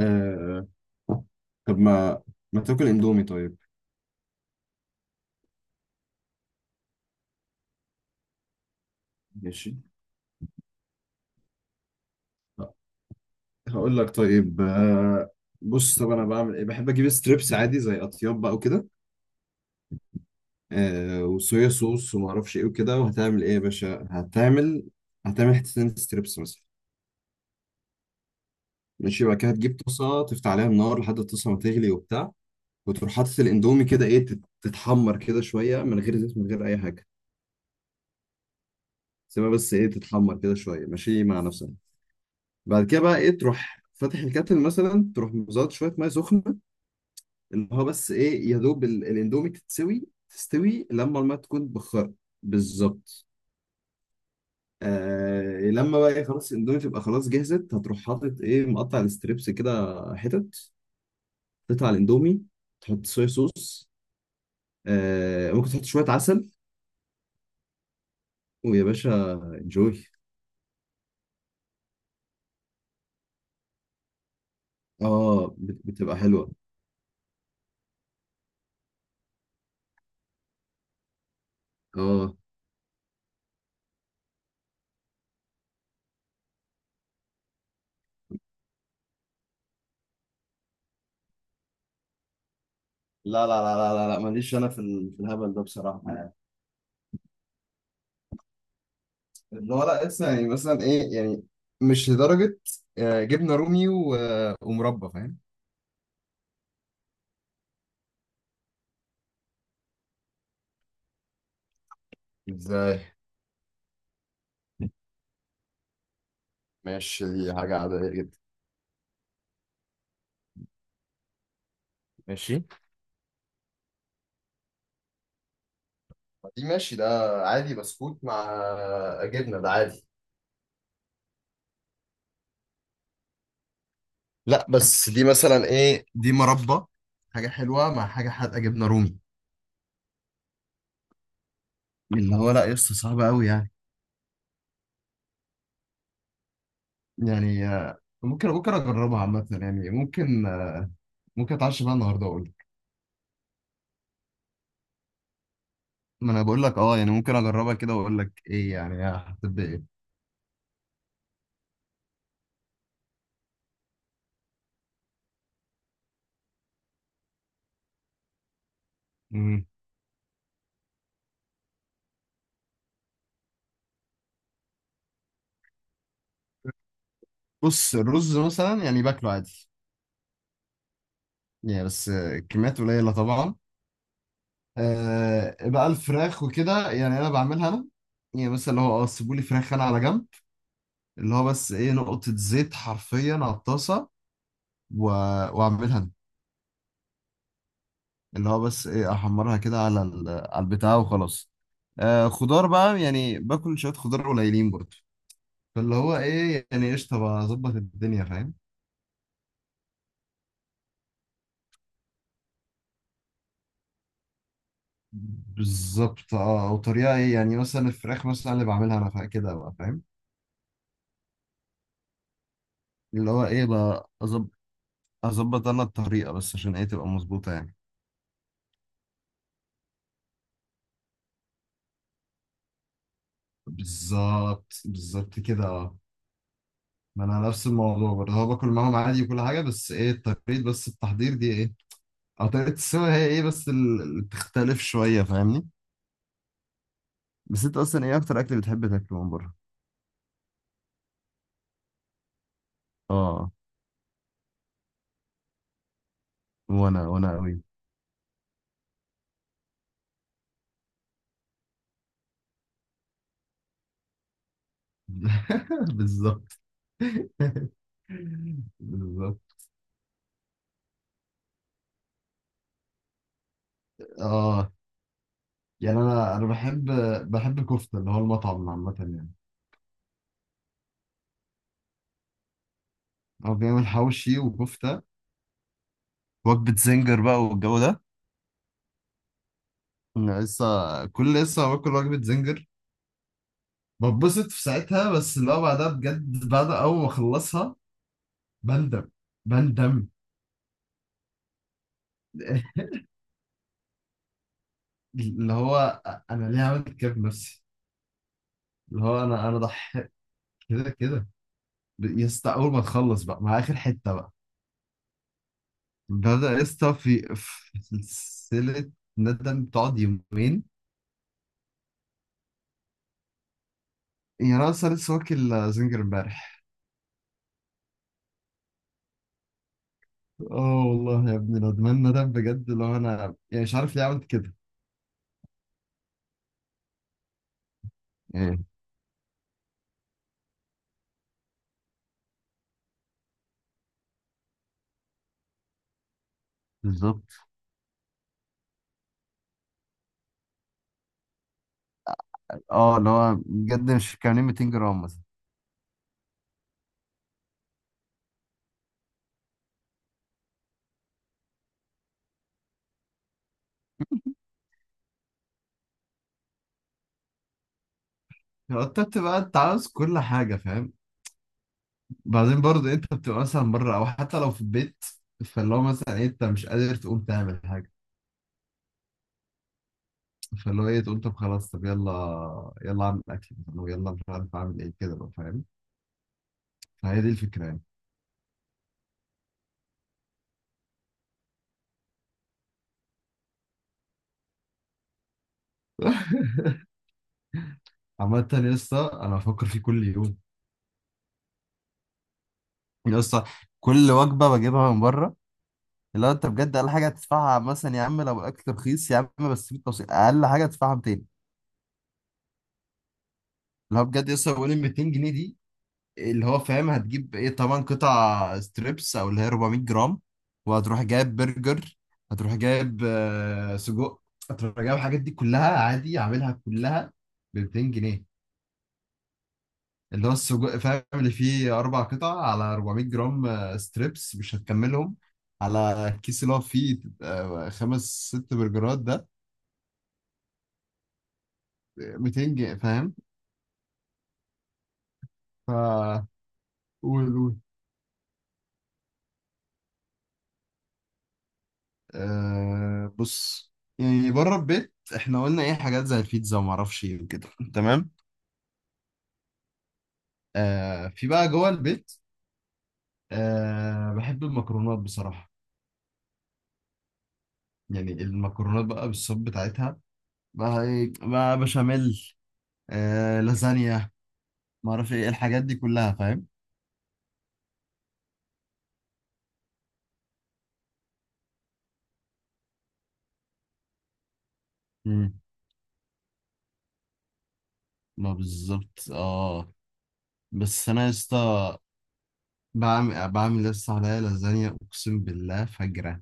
آه طب ما تاكل اندومي طيب. ماشي، هقول لك طيب. بص، طب انا بعمل ايه؟ بحب اجيب ستريبس عادي زي اطياب بقى وكده، وصويا صوص وما اعرفش ايه وكده. وهتعمل ايه يا باشا؟ هتعمل حتتين ستريبس مثلا. ماشي، بعد كده هتجيب طاسه تفتح عليها النار لحد الطاسه ما تغلي وبتاع، وتروح حاطط الاندومي كده ايه تتحمر كده شويه من غير زيت من غير اي حاجه. سيبها بس ايه تتحمر كده شويه ماشي مع نفسها. بعد كده بقى ايه تروح فاتح الكاتل مثلا، تروح مزود شويه ميه سخنه، ان هو بس ايه يا دوب الاندومي تستوي لما الميه تكون بخار. بالظبط. آه لما بقى ايه خلاص الاندومي تبقى خلاص جهزت، هتروح حاطط ايه مقطع الستريبس كده حتت، تقطع الاندومي، تحط صويا صوص، آه ممكن تحط شويه عسل، ويا باشا انجوي. اه، بتبقى حلوه. اه، لا لا لا لا لا لا، ماليش انا في الهبل ده بصراحه. اللي هو لا لسه يعني مثلا ايه يعني، مش لدرجة. آه، جبنة رومي ومربى، فاهم؟ ازاي؟ ماشي دي حاجة عادية جدا. ماشي. دي ماشي ده عادي، بسكوت مع جبنة، ده عادي. لا بس دي مثلا ايه، دي مربى، حاجة حلوة مع حاجة حادقة جبنة رومي. اللي هو لا لسه صعبة قوي يعني. يعني آه، ممكن ممكن أجربها عامة يعني، ممكن آه، ممكن أتعشى بقى النهاردة وأقول لك. ما أنا بقول لك أه يعني ممكن أجربها كده وأقول لك إيه يعني هتبقى إيه. بص، الرز مثلا يعني باكله عادي يعني، بس كميات قليلة طبعا. آه بقى الفراخ وكده يعني انا بعملها انا، يعني مثلا اللي هو اه سيبولي فراخ انا على جنب، اللي هو بس ايه نقطة زيت حرفيا على الطاسة، و- واعملها انا، اللي هو بس ايه احمرها كده على البتاع وخلاص. آه خضار بقى يعني باكل شوية خضار قليلين برضه، فاللي هو ايه يعني قشطة بقى اظبط الدنيا، فاهم؟ بالظبط اه، وطريقة ايه يعني مثلا الفراخ مثلا اللي بعملها انا كده بقى، فاهم؟ اللي هو ايه بقى اظبط انا الطريقة بس عشان ايه تبقى مظبوطة يعني. بالظبط بالظبط كده اه. ما انا نفس الموضوع برضه، هو باكل معاهم عادي وكل حاجه، بس ايه طريقه بس التحضير دي ايه، او طريقه السوا هي ايه بس اللي بتختلف شويه، فاهمني؟ بس انت اصلا ايه اكتر اكل بتحب تاكله من بره؟ اه، وانا وانا قوي. بالظبط. بالظبط. اه، يعني انا انا بحب، بحب الكفته، اللي هو المطعم عامه يعني، هو بيعمل حوشي وكفته. وجبة زنجر بقى والجو ده، أنا لسه كل لسه باكل وجبة زنجر، بتبسط في ساعتها، بس لو بعدها بجد بعد أول ما أخلصها بندم، بندم. اللي هو أنا ليه عملت كده في نفسي. اللي هو أنا أنا ضحيت كده كده. يا اسطى أول ما تخلص بقى مع آخر حتة بقى، بدأ يا اسطى في سلسلة ندم تقعد يومين. يعني أنا أصلا لسه واكل زنجر امبارح. اه والله يا ابني ندمان، ندم بجد، اللي هو أنا يعني مش عارف ليه عملت كده. ايه؟ بالظبط اه، اللي هو بجد مش كاملين 200 جرام مثلا. انت بتبقى انت عاوز كل حاجه فاهم، بعدين برضه انت بتبقى مثلا بره او حتى لو في البيت، فاللي هو مثلا إيه، انت مش قادر تقوم تعمل حاجه، فاللي هو ايه تقول طب خلاص، طب يلا يلا اعمل اكل مثلا، ويلا مش عارف اعمل ايه كده بقى، فاهم؟ فهي دي الفكره يعني. عامة يا اسطى انا بفكر فيه كل يوم، يا اسطى كل وجبه بجيبها من بره، اللي هو انت بجد اقل حاجه هتدفعها مثلا يا عم، لو الاكل رخيص يا عم بس في توصيل اقل حاجه هتدفعها. اللي هو بجد لسه بقول ال 200 جنيه دي، اللي هو فاهم هتجيب ايه طبعا قطع ستريبس او اللي هي 400 جرام، وهتروح جايب برجر، هتروح جايب آه، سجق، هتروح جايب الحاجات دي كلها عادي عاملها كلها ب 200 جنيه. اللي هو السجق فاهم اللي فيه اربع قطع، على 400 جرام آه، ستريبس مش هتكملهم، على الكيس اللي هو فيه آه، خمس ست برجرات، ده 200 جنيه، فاهم؟ ف، قول قول. أه بص، يعني بره البيت احنا قلنا ايه حاجات زي البيتزا وما اعرفش ايه وكده. تمام. أه في بقى جوه البيت، أه بحب المكرونات بصراحة، يعني المكرونات بقى بالصوص بتاعتها بقى، ايه بقى بشاميل، أه لازانيا، ما اعرفش ايه الحاجات دي كلها، فاهم؟ مم. ما بالظبط اه. بس انا يا اسطى بعمل يا اسطى عليا لازانيا اقسم بالله فجرة.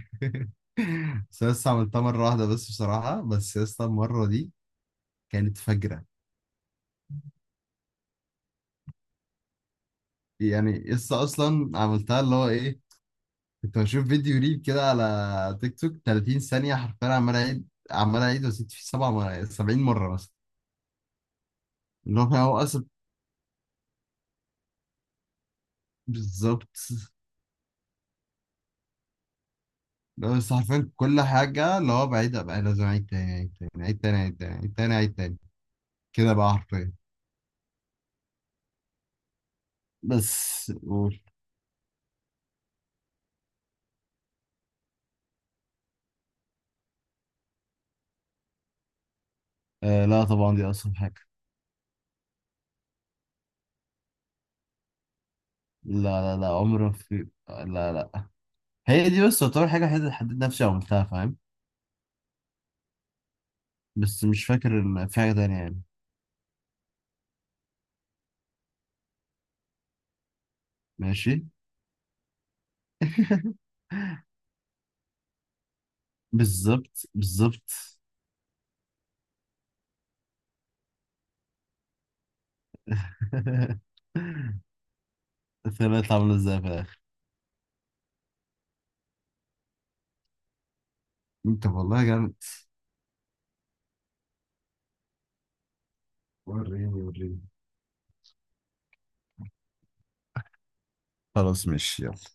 بس أنا لسه عملتها مرة واحدة بس بصراحة، بس يا اسطى المرة دي كانت فجرة. يعني لسه أصلا عملتها اللي هو إيه، كنت بشوف فيديو ريل كده على تيك توك 30 ثانية حرفيا، عمال أعيد عمال أعيد وأزيد فيه سبع مرات، 70 مرة مثلا، اللي هو فاهم هو أصلا بالظبط. اللي هو بس حرفيا كل حاجة اللي هو بعيدها بقى لازم أعيد تاني أعيد تاني أعيد تاني أعيد تاني أعيد تاني أعيد تاني كده بقى حرفيا. بس قول. آه لا طبعا دي أصعب حاجة. لا لا لا عمره في لا، لا، هي دي بس تعتبر حاجة حددت نفسي عملتها، فاهم؟ بس مش فاكر في حاجة تانية يعني. ماشي. بالظبط بالظبط. طلعت عاملة ازاي في الآخر؟ انت والله جامد، وريني وريني. خلاص ماشي يلا.